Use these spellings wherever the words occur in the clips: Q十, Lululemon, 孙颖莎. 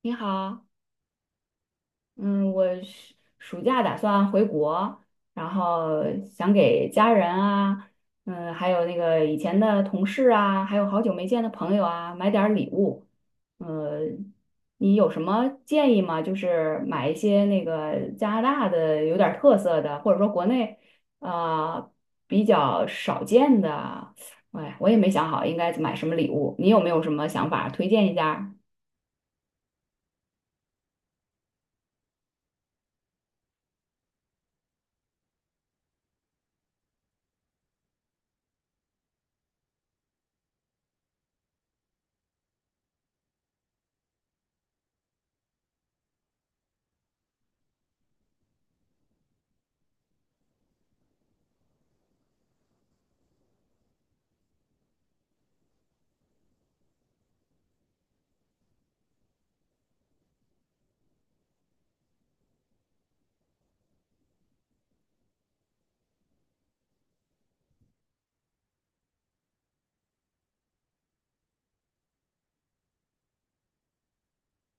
你好，嗯，我是暑假打算回国，然后想给家人啊，还有那个以前的同事啊，还有好久没见的朋友啊，买点儿礼物。呃，你有什么建议吗？就是买一些那个加拿大的有点儿特色的，或者说国内呃比较少见的。哎，我也没想好应该买什么礼物，你有没有什么想法？推荐一下。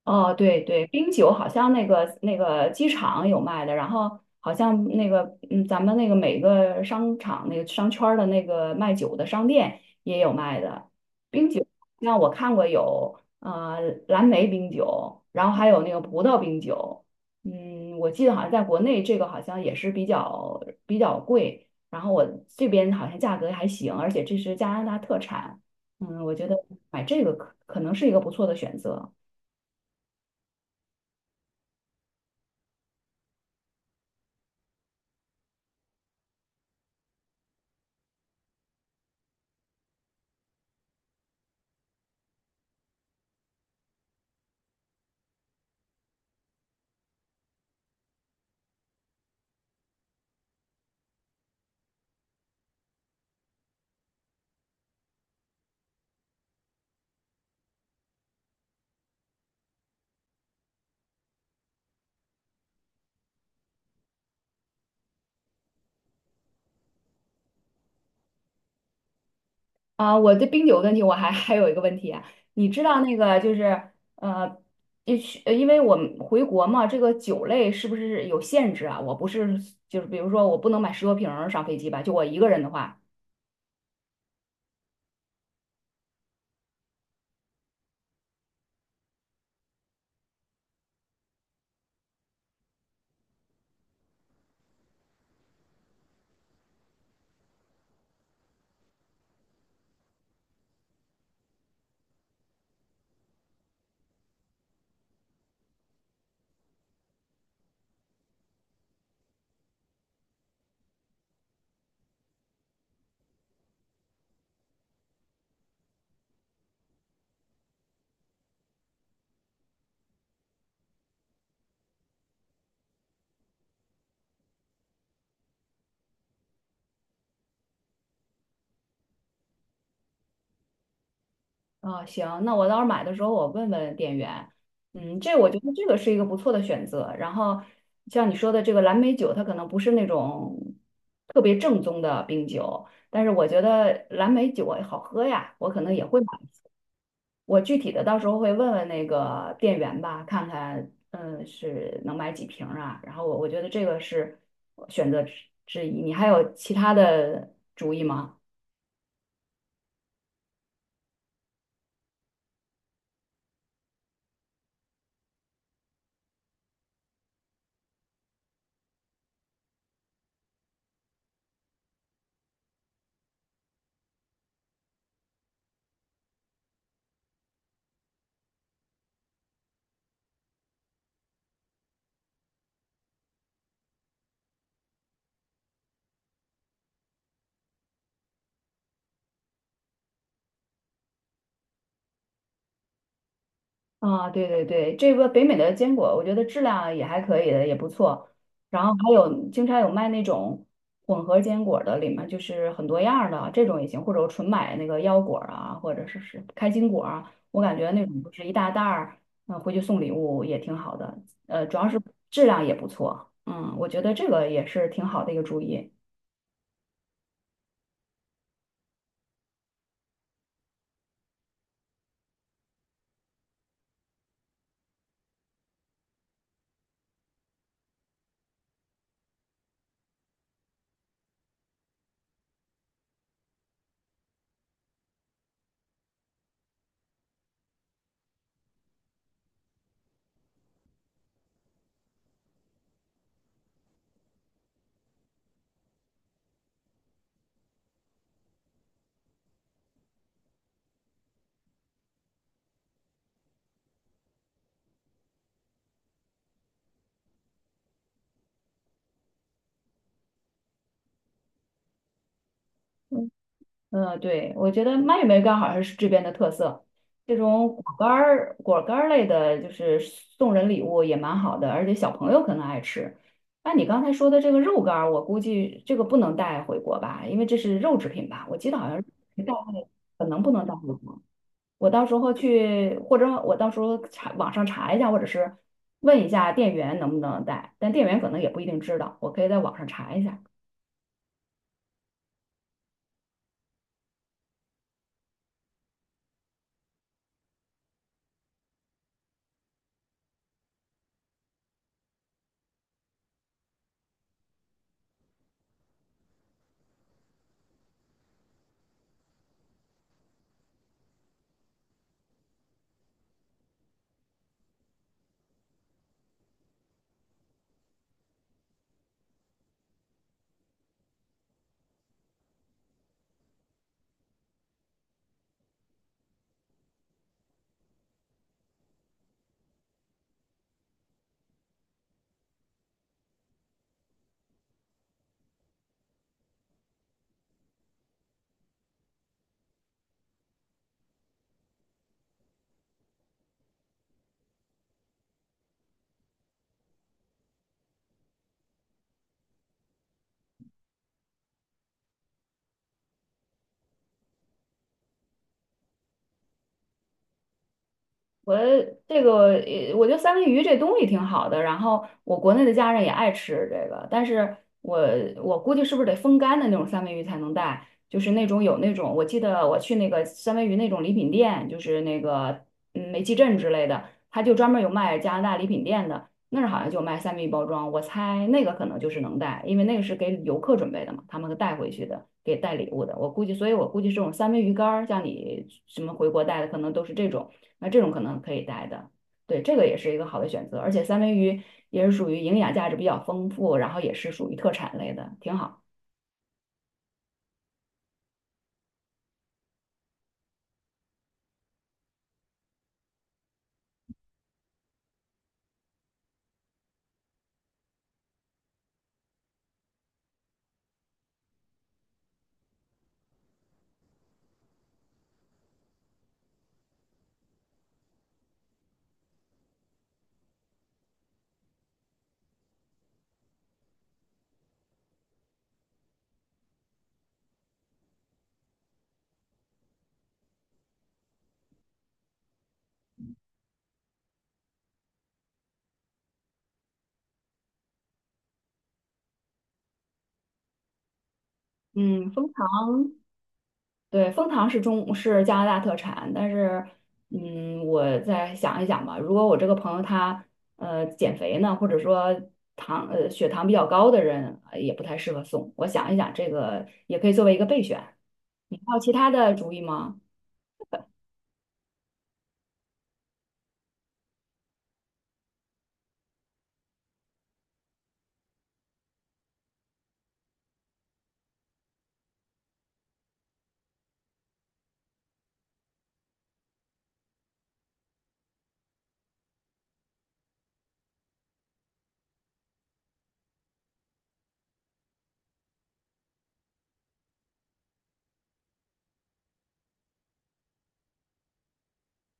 哦，对对，冰酒好像那个机场有卖的，然后好像咱们那个每个商场那个商圈儿的那个卖酒的商店也有卖的冰酒，像我看过有蓝莓冰酒，然后还有那个葡萄冰酒，嗯，我记得好像在国内这个好像也是比较贵，然后我这边好像价格还行，而且这是加拿大特产，我觉得买这个可能是一个不错的选择。啊，我的冰酒的问题，我还有一个问题啊，你知道那个就是呃，也许因为我们回国嘛，这个酒类是不是有限制啊？我不是就是比如说我不能买10多瓶儿上飞机吧？就我一个人的话，啊，行，那我到时候买的时候我问问店员，这我觉得这个是一个不错的选择。然后像你说的这个蓝莓酒，它可能不是那种特别正宗的冰酒，但是我觉得蓝莓酒好喝呀，我可能也会买。我具体的到时候会问问那个店员吧，看看是能买几瓶儿啊。然后我觉得这个是选择之一，你还有其他的主意吗？啊，对对对，这个北美的坚果，我觉得质量也还可以的，也不错。然后还有经常有卖那种混合坚果的，里面就是很多样儿的，这种也行，或者我纯买那个腰果儿啊，或者是开心果啊，我感觉那种就是一大袋儿，回去送礼物也挺好的。主要是质量也不错，我觉得这个也是挺好的一个主意。嗯嗯，对，我觉得蔓越莓干好像是这边的特色。这种果干儿、果干儿类的，就是送人礼物也蛮好的，而且小朋友可能爱吃。那你刚才说的这个肉干儿，我估计这个不能带回国吧，因为这是肉制品吧？我记得好像是可能不能带回国。我到时候去，或者我到时候查网上查一下，或者是问一下店员能不能带，但店员可能也不一定知道，我可以在网上查一下。我这个，我觉得三文鱼这东西挺好的，然后我国内的家人也爱吃这个，但是我估计是不是得风干的那种三文鱼才能带，就是那种有那种，我记得我去那个三文鱼那种礼品店，就是那个煤气镇之类的，他就专门有卖加拿大礼品店的，那儿好像就卖三文鱼包装，我猜那个可能就是能带，因为那个是给游客准备的嘛，他们带回去的，给带礼物的，我估计，所以我估计这种三文鱼干儿，像你什么回国带的，可能都是这种。那这种可能可以带的。对，这个也是一个好的选择，而且三文鱼也是属于营养价值比较丰富，然后也是属于特产类的，挺好。嗯，蜂糖，对，蜂糖是加拿大特产，但是我再想一想吧。如果我这个朋友他减肥呢，或者说血糖比较高的人，也不太适合送。我想一想，这个也可以作为一个备选。你还有其他的主意吗？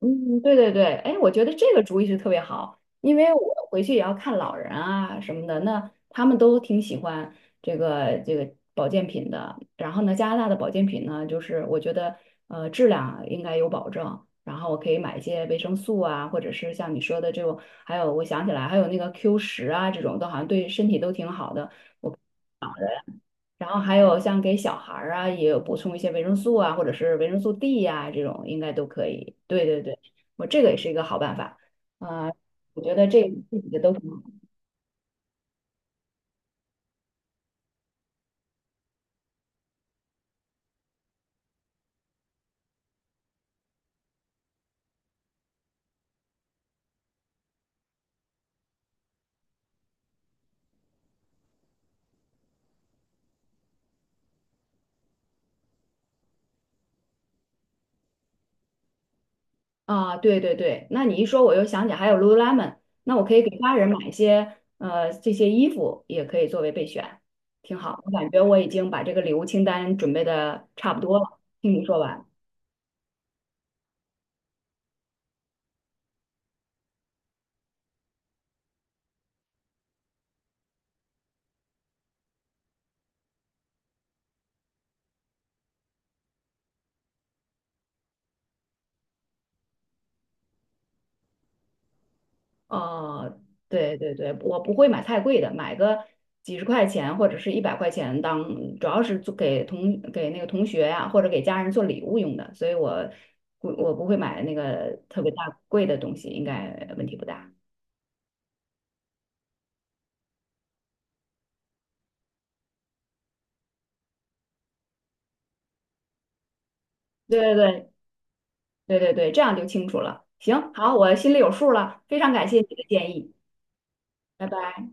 嗯，对对对，哎，我觉得这个主意是特别好，因为我回去也要看老人啊什么的，那他们都挺喜欢这个保健品的。然后呢，加拿大的保健品呢，就是我觉得质量应该有保证，然后我可以买一些维生素啊，或者是像你说的这种，还有我想起来还有那个 Q10啊这种，都好像对身体都挺好的。然后还有像给小孩儿啊，也有补充一些维生素啊，或者是维生素 D 呀、这种应该都可以。对对对，我这个也是一个好办法啊、我觉得这几个都挺好啊。对对对，那你一说我又想起还有 Lululemon，那我可以给家人买一些这些衣服，也可以作为备选，挺好。我感觉我已经把这个礼物清单准备的差不多了，听你说完。哦，对对对，我不会买太贵的，买个几十块钱或者是100块钱当，主要是做给那个同学呀、或者给家人做礼物用的，所以我不会买那个特别大贵的东西，应该问题不大。对对对对对对，这样就清楚了。行，好，我心里有数了，非常感谢你的建议，拜拜。